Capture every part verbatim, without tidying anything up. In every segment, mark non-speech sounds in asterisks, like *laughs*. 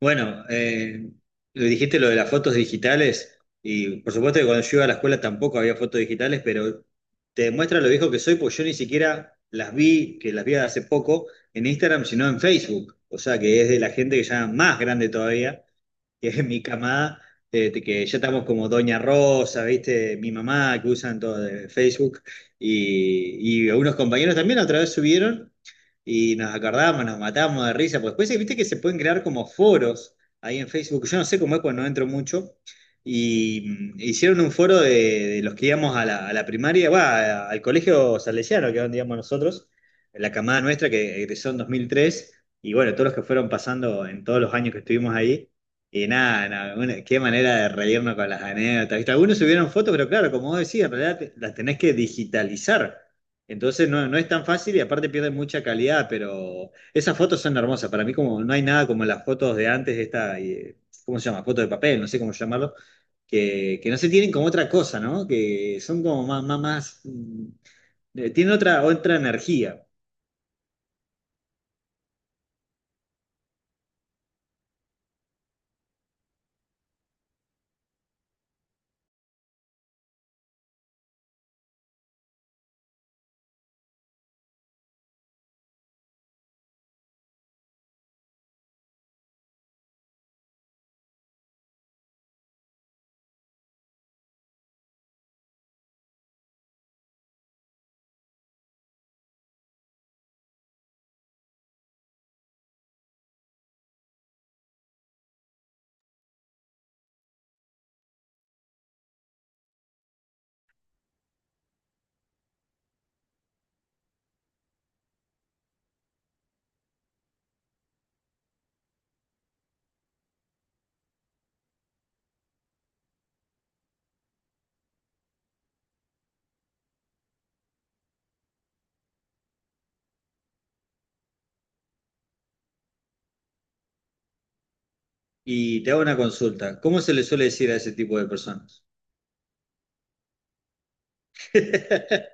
Bueno, eh, lo dijiste lo de las fotos digitales y por supuesto que cuando yo iba a la escuela tampoco había fotos digitales, pero te demuestra lo viejo que soy, pues yo ni siquiera las vi, que las vi hace poco en Instagram, sino en Facebook, o sea que es de la gente que ya más grande todavía que es mi camada, eh, de que ya estamos como Doña Rosa, ¿viste? Mi mamá, que usan todo de Facebook, y, y algunos compañeros también otra vez subieron y nos acordábamos, nos matábamos de risa, pues después, ¿viste que se pueden crear como foros ahí en Facebook? Yo no sé cómo es cuando no entro mucho. Y mm, hicieron un foro de, de los que íbamos a la, a la primaria, va, al colegio salesiano, que es donde íbamos nosotros, la camada nuestra que egresó en dos mil tres, y bueno, todos los que fueron pasando en todos los años que estuvimos ahí, y nada, nada, una- qué manera de reírnos con las anécdotas. ¿Viste? Algunos subieron fotos, pero claro, como vos decías, en realidad te- las tenés que digitalizar. Entonces no, no es tan fácil y aparte pierden mucha calidad, pero esas fotos son hermosas. Para mí como no hay nada como las fotos de antes, esta, eh, ¿cómo se llama? Foto de papel, no sé cómo llamarlo, que, que no se tienen como otra cosa, ¿no? Que son como más, más, más, mm, eh, tienen otra, otra energía. Y te hago una consulta. ¿Cómo se le suele decir a ese tipo de personas? *laughs*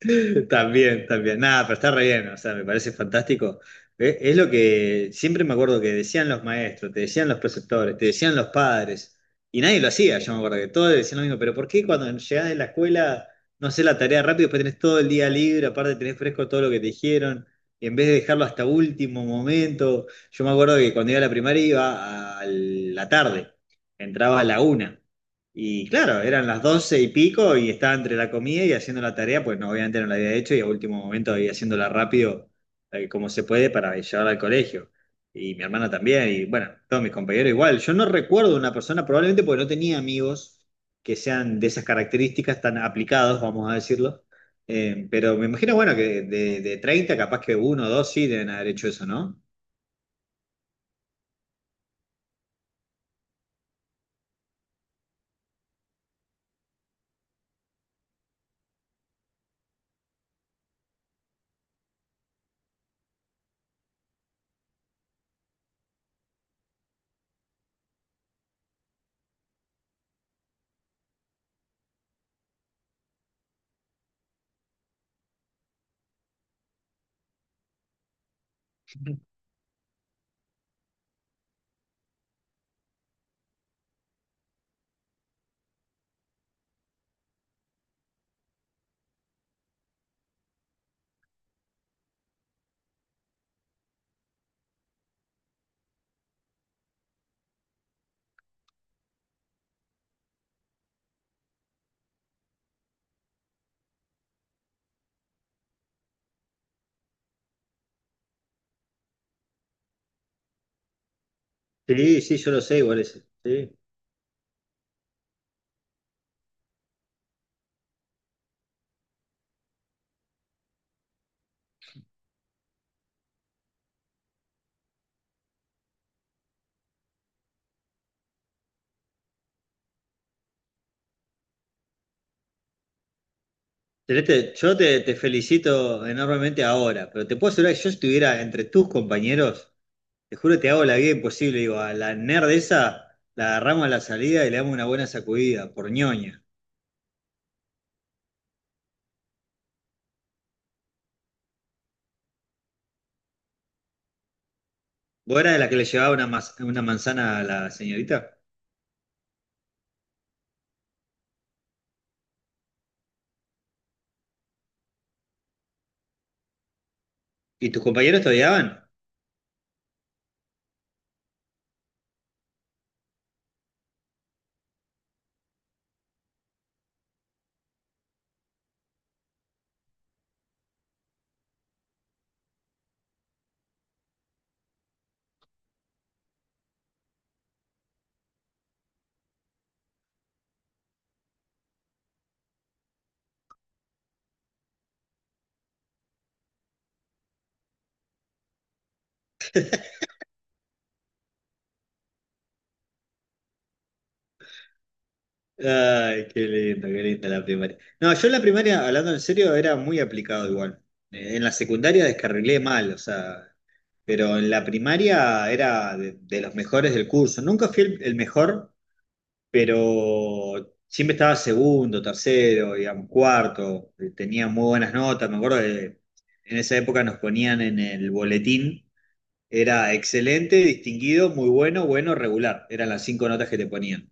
*laughs* También, también. Nada, pero está re bien, o sea, me parece fantástico. Eh, Es lo que siempre me acuerdo que decían los maestros, te decían los preceptores, te decían los padres, y nadie lo hacía, yo me acuerdo que todos decían lo mismo, pero ¿por qué cuando llegás de la escuela no haces la tarea rápido, después tenés todo el día libre, aparte tenés fresco todo lo que te dijeron, y en vez de dejarlo hasta último momento? Yo me acuerdo que cuando iba a la primaria iba a la tarde, entraba a la una. Y claro, eran las doce y pico y estaba entre la comida y haciendo la tarea, pues no, obviamente no la había hecho y a último momento había haciéndola rápido, eh, como se puede, para llevarla al colegio. Y mi hermana también, y bueno, todos mis compañeros igual. Yo no recuerdo una persona, probablemente porque no tenía amigos que sean de esas características tan aplicados, vamos a decirlo. Eh, pero me imagino, bueno, que de, de treinta, capaz que uno o dos sí deben haber hecho eso, ¿no? Sí, sí, yo lo sé, igual eso. Sí. Celeste, yo te, te felicito enormemente ahora, pero te puedo asegurar que yo estuviera entre tus compañeros, te juro que te hago la vida imposible, digo, a la nerd esa la agarramos a la salida y le damos una buena sacudida, por ñoña. ¿Vos eras de la que le llevaba una, mas- una manzana a la señorita? ¿Y tus compañeros te odiaban? Ay, qué lindo, qué linda la primaria. No, yo en la primaria, hablando en serio, era muy aplicado igual. Eh, En la secundaria descarrilé mal, o sea, pero en la primaria era de, de los mejores del curso. Nunca fui el, el mejor, pero siempre estaba segundo, tercero, digamos, cuarto. Eh, Tenía muy buenas notas. Me acuerdo de, en esa época nos ponían en el boletín, era excelente, distinguido, muy bueno, bueno, regular. Eran las cinco notas que te ponían,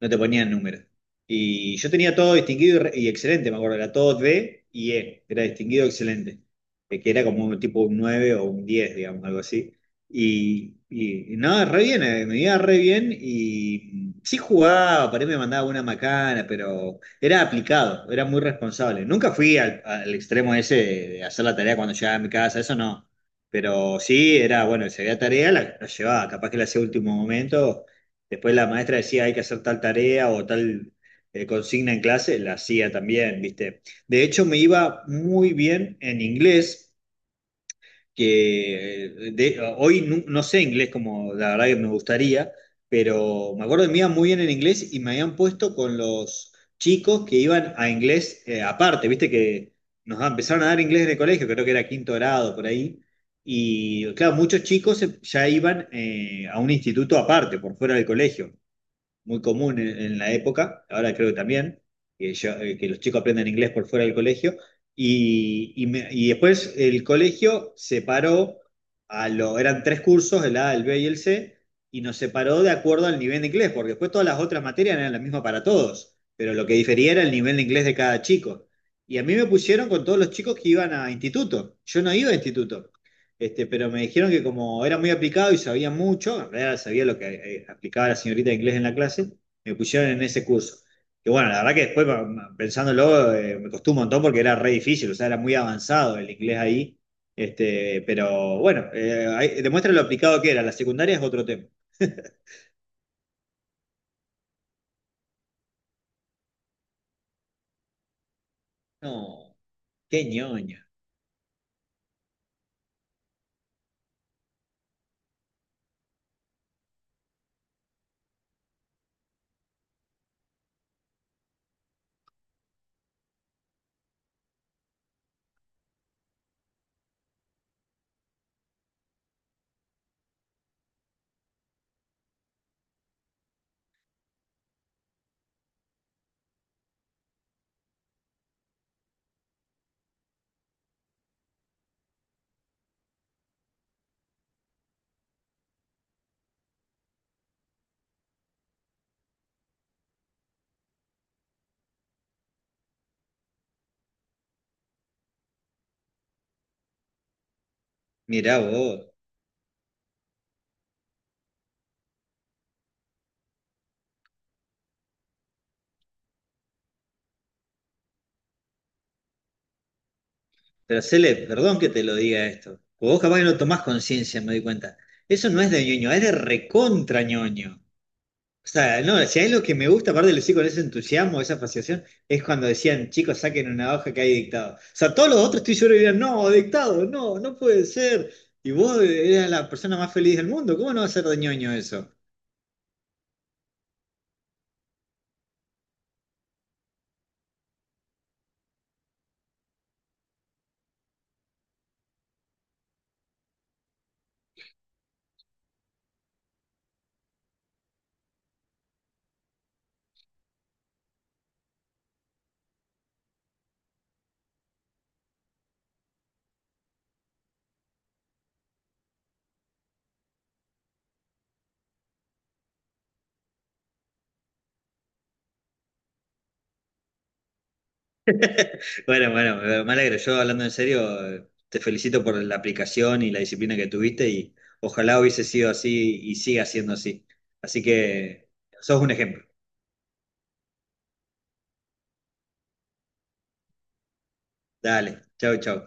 no te ponían número. Y yo tenía todo distinguido y, re- y excelente, me acuerdo, era todo D y E, era distinguido excelente, eh, que era como un tipo un nueve o un diez, digamos, algo así. Y, y, y no, re bien, eh, me iba re bien y mm, sí jugaba, por ahí me mandaba una macana, pero era aplicado, era muy responsable. Nunca fui al, al extremo ese de, de hacer la tarea cuando llegaba a mi casa, eso no. Pero sí, era, bueno, si había tarea, la, la llevaba, capaz que la hacía a último momento. Después la maestra decía hay que hacer tal tarea o tal eh, consigna en clase, la hacía también, ¿viste? De hecho, me iba muy bien en inglés, que eh, de- hoy nu- no, sé inglés como la verdad que me gustaría, pero me acuerdo que me iba muy bien en inglés y me habían puesto con los chicos que iban a inglés eh, aparte, ¿viste? Que nos empezaron a dar inglés en el colegio, creo que era quinto grado por ahí. Y claro, muchos chicos eh, ya iban eh, a un instituto aparte, por fuera del colegio, muy común en, en la época, ahora creo que también, que, yo- eh, que los chicos aprenden inglés por fuera del colegio, y, y me- y después el colegio separó, a lo, eran tres cursos, el A, el B y el C, y nos separó de acuerdo al nivel de inglés, porque después todas las otras materias eran las mismas para todos, pero lo que difería era el nivel de inglés de cada chico. Y a mí me pusieron con todos los chicos que iban a instituto. Yo no iba a instituto. Este, pero me dijeron que como era muy aplicado y sabía mucho, en realidad sabía lo que eh, aplicaba la señorita de inglés en la clase, me pusieron en ese curso. Que bueno, la verdad que después pa- pa- pensándolo eh, me costó un montón porque era re difícil, o sea, era muy avanzado el inglés ahí. Este, pero bueno, eh, ahí- demuestra lo aplicado que era. La secundaria es otro tema. No, qué ñoño. Mirá vos. Pero Cele, perdón que te lo diga esto. Vos capaz que no tomás conciencia, me doy cuenta. Eso no es de ñoño, es de recontra ñoño. O sea, no, si hay lo que me gusta, aparte lo decía con ese entusiasmo, esa fascinación, es cuando decían, chicos, saquen una hoja que hay dictado. O sea, todos los otros estoy seguro que dirían, no, dictado, no, no puede ser. Y vos eras la persona más feliz del mundo, ¿cómo no va a ser de ñoño eso? Bueno, bueno, eh, me alegro. Yo hablando en serio, eh, te felicito por la aplicación y la disciplina que tuviste y ojalá hubiese sido así y siga siendo así. Así que sos un ejemplo. Dale, chau, chau.